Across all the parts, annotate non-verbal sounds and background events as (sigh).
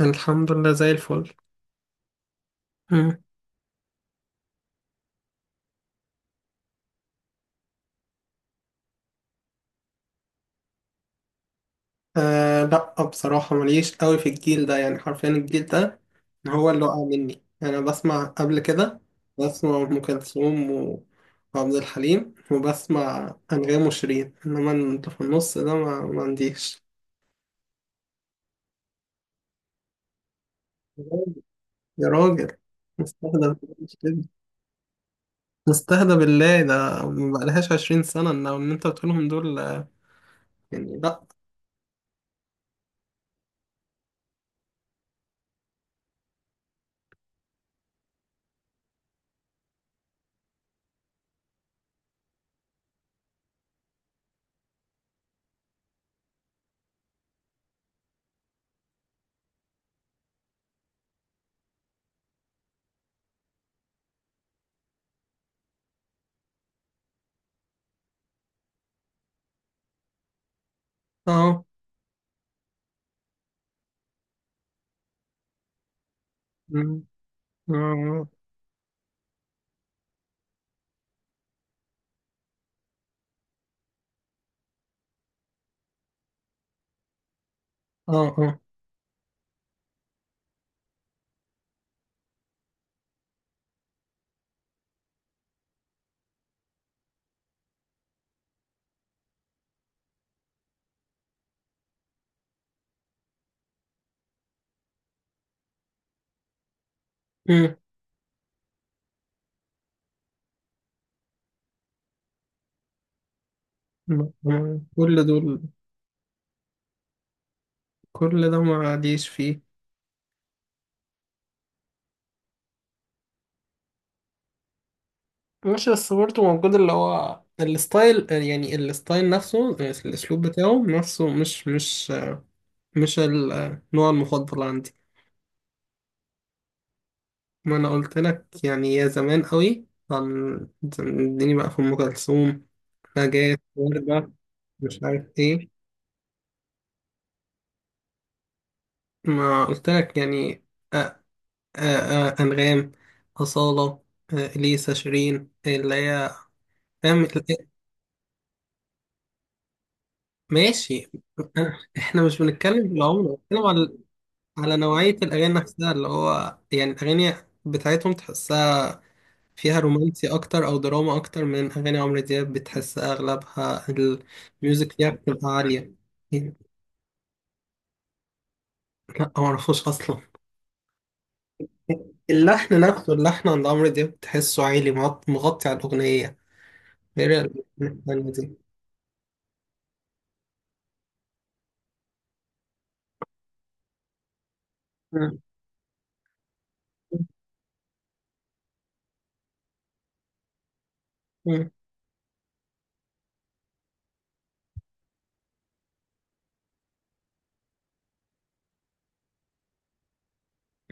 الحمد لله زي الفل. مم. لا، بصراحة ماليش قوي في الجيل ده، يعني حرفيا الجيل ده هو اللي وقع مني. أنا بسمع قبل كده، بسمع أم كلثوم وعبد الحليم، وبسمع أنغام وشيرين، إنما أنت في النص ده ما عنديش. يا راجل، مستهدى بالله مستهدى بالله ده ما بقالهاش 20 سنة. إن أنت بتقولهم دول، يعني لا. اه. مم. اه اه اه. آه. كل دول، كل ده ما عاديش فيه. ماشي، بس برضه موجود، اللي هو الستايل، يعني الستايل نفسه، الأسلوب بتاعه نفسه مش النوع المفضل عندي. ما أنا قلت لك، يعني يا زمان قوي كان اديني بقى في أم كلثوم، نجاة، وردة. مش عارف إيه. ما قلت لك يعني. أ- أ- أنغام، أصالة، إليسا، شيرين، اللي هي، فاهم. ماشي. (laughs) احنا مش بنتكلم بالعمر، بنتكلم على نوعية الأغاني نفسها، اللي هو يعني الأغاني بتاعتهم تحسها فيها رومانسي أكتر أو دراما أكتر من أغاني عمرو دياب. بتحسها أغلبها الميوزك فيها بتبقى عالية يعني. لا، معرفوش أصلا. اللحن نفسه، اللحن عند عمرو دياب تحسه عالي، مغطي على الأغنية، غير الأغنية التانية دي. (laughs) مم. مم.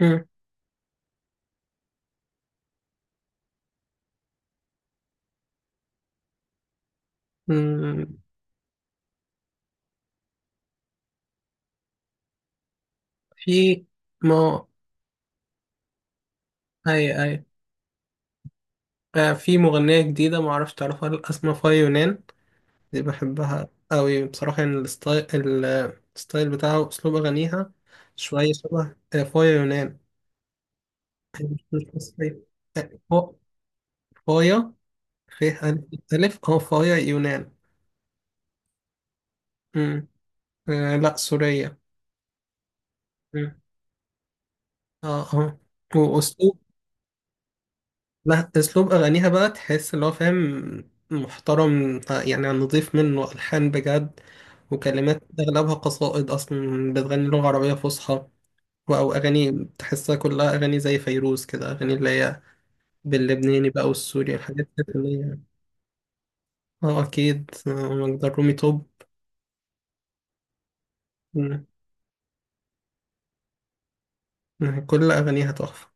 مم. مم. في. ما. أي أي. آه، في مغنية جديدة معرفش تعرفها ولا لأ، اسمها فاي يونان. دي بحبها أوي، بصراحة يعني الستايل، الستايل بتاعها وأسلوب أغانيها شوية شبه فايا يونان. مش مصرية. فا- فايا. فيه ألف، ألف. أه فايا يونان. مم. آه لأ، سورية. مم. أه أه وأسلوب. لا، أسلوب أغانيها بقى تحس اللي هو فاهم، محترم، يعني نضيف، منه ألحان بجد وكلمات أغلبها قصائد، أصلا بتغني لغة عربية فصحى. او اغاني تحسها كلها اغاني زي فيروز كده، اغاني اللي هي باللبناني بقى والسوري، الحاجات دي اللي هي. اه اكيد، مقدار رومي توب. مم. كل اغانيها تحفه.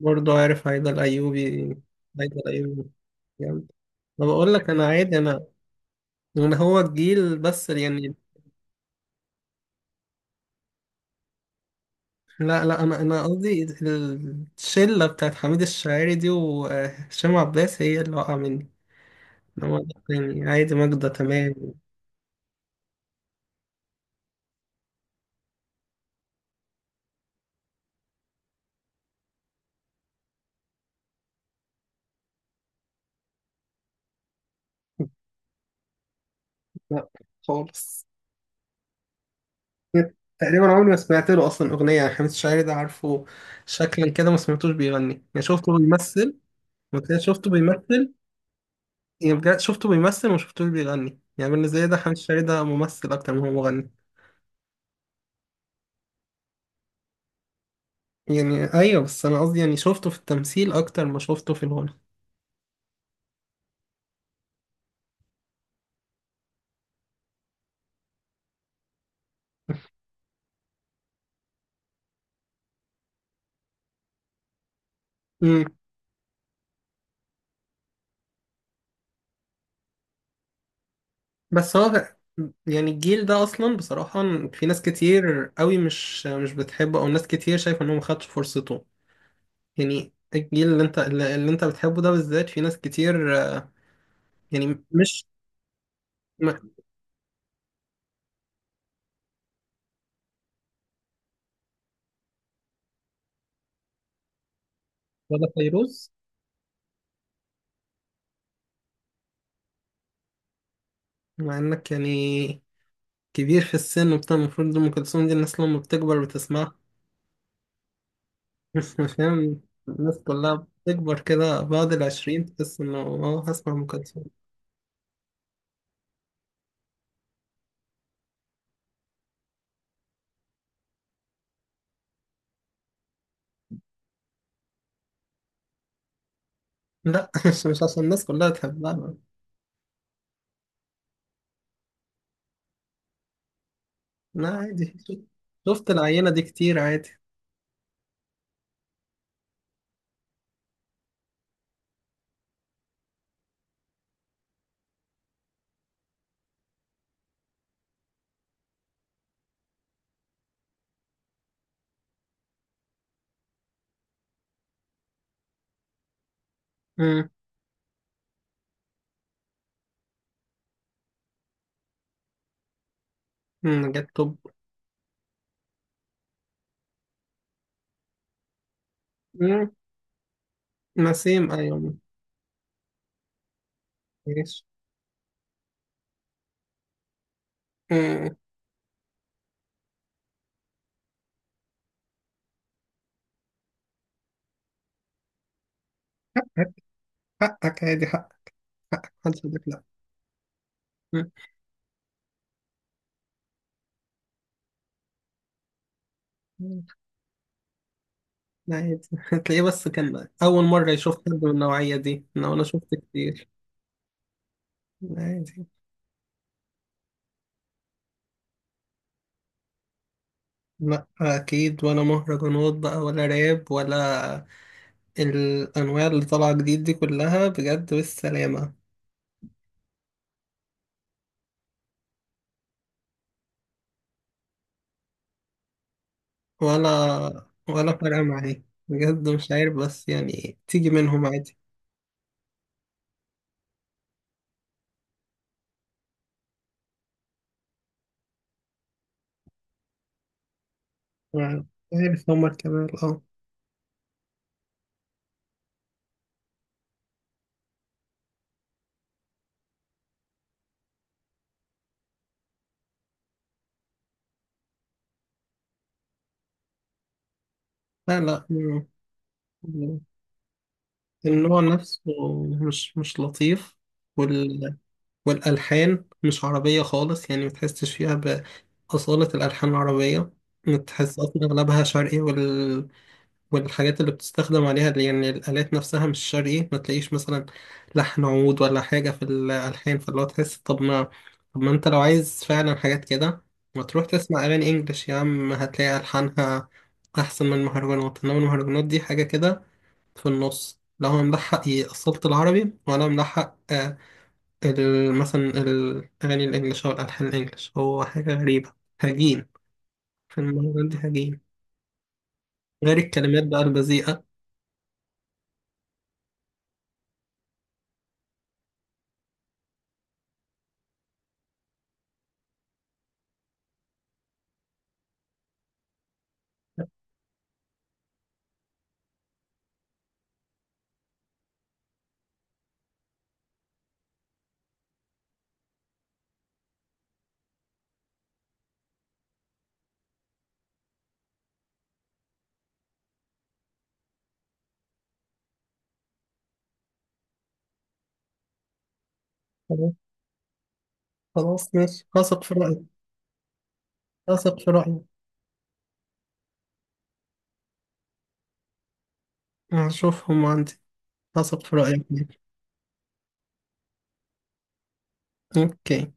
برضه عارف عايدة الايوبي. عايدة الايوبي جامد. انا بقول لك، انا عادي، انا انا هو الجيل بس يعني. لا لا، انا قصدي الشله بتاعت حميد الشاعري دي وهشام عباس، هي اللي وقع مني، انما ده يعني عادي. ماجدة تمام. لا، خالص. تقريبا عمري ما سمعت له اصلا اغنيه، يعني حميد الشاعري ده عارفه شكلا كده، ما سمعتوش بيغني، يعني شفته بيمثل وكده، شفته بيمثل يعني. بجد شفته بيمثل وما شفتوش بيغني، يعني بالنسبه لي ده حميد الشاعري ده ممثل اكتر ما هو مغني. يعني ايوه، بس انا قصدي يعني شفته في التمثيل اكتر ما شفته في الغنى. امم بس هو يعني الجيل ده اصلا بصراحه في ناس كتير قوي مش مش بتحبه، او ناس كتير شايفه انه ما خدش فرصته، يعني الجيل اللي انت بتحبه ده بالذات في ناس كتير يعني. مش. ما- ولا فيروز. مع انك يعني كبير في السن وبتاع، المفروض ام كلثوم دي الناس لما بتكبر بتسمعها. (laughs) فاهم، الناس كلها بتكبر كده بعد العشرين تحس انه اه هسمع ام كلثوم. لا. (laughs) مش مش عشان الناس كلها تحبها. لا عادي. شفت، العينة دي كتير، عادي. امم جت طب. أمم، نسيم ايوه. ماشي. أمم، حقك عادي، حقك، حقك محدش يقول لك لا. أمم. لا عادي. (laughs) هتلاقيه، بس كان أول مرة يشوف حد من النوعية دي، أنا وأنا شفت كتير. لا عادي. لا أكيد، ولا مهرجانات بقى ولا راب ولا الأنواع اللي طالعة جديد دي كلها، بجد بالسلامة. ولا. ولا فارقة معايا بجد، مش عارف، بس يعني تيجي منهم عادي. عارف عمر كمال، اه. لا لا، م- النوع نفسه مش مش لطيف. وال والألحان مش عربية خالص، يعني متحسش فيها بأصالة الألحان العربية. تحس أصلا أغلبها شرقي، والحاجات اللي بتستخدم عليها دي، يعني الآلات نفسها مش شرقي. ما تلاقيش مثلا لحن عود ولا حاجة في الألحان، فاللي هو تحس. طب ما أنت لو عايز فعلا حاجات كده، ما تروح تسمع أغاني إنجلش يا عم، هتلاقي ألحانها أحسن من المهرجانات، إنما المهرجانات دي حاجة كده في النص، لا هو ملحق يأصلت العربي ولا ملحق، مثلا الأغاني الإنجليش أو الألحان الإنجليش، هو حاجة غريبة، هجين. في المهرجان دي هجين، غير الكلمات بقى البذيئة. خلاص خلاص، ماشي، هثق في رأيك. هثق في رأيك. هشوفهم عندي. هثق في رأيك. أوكي.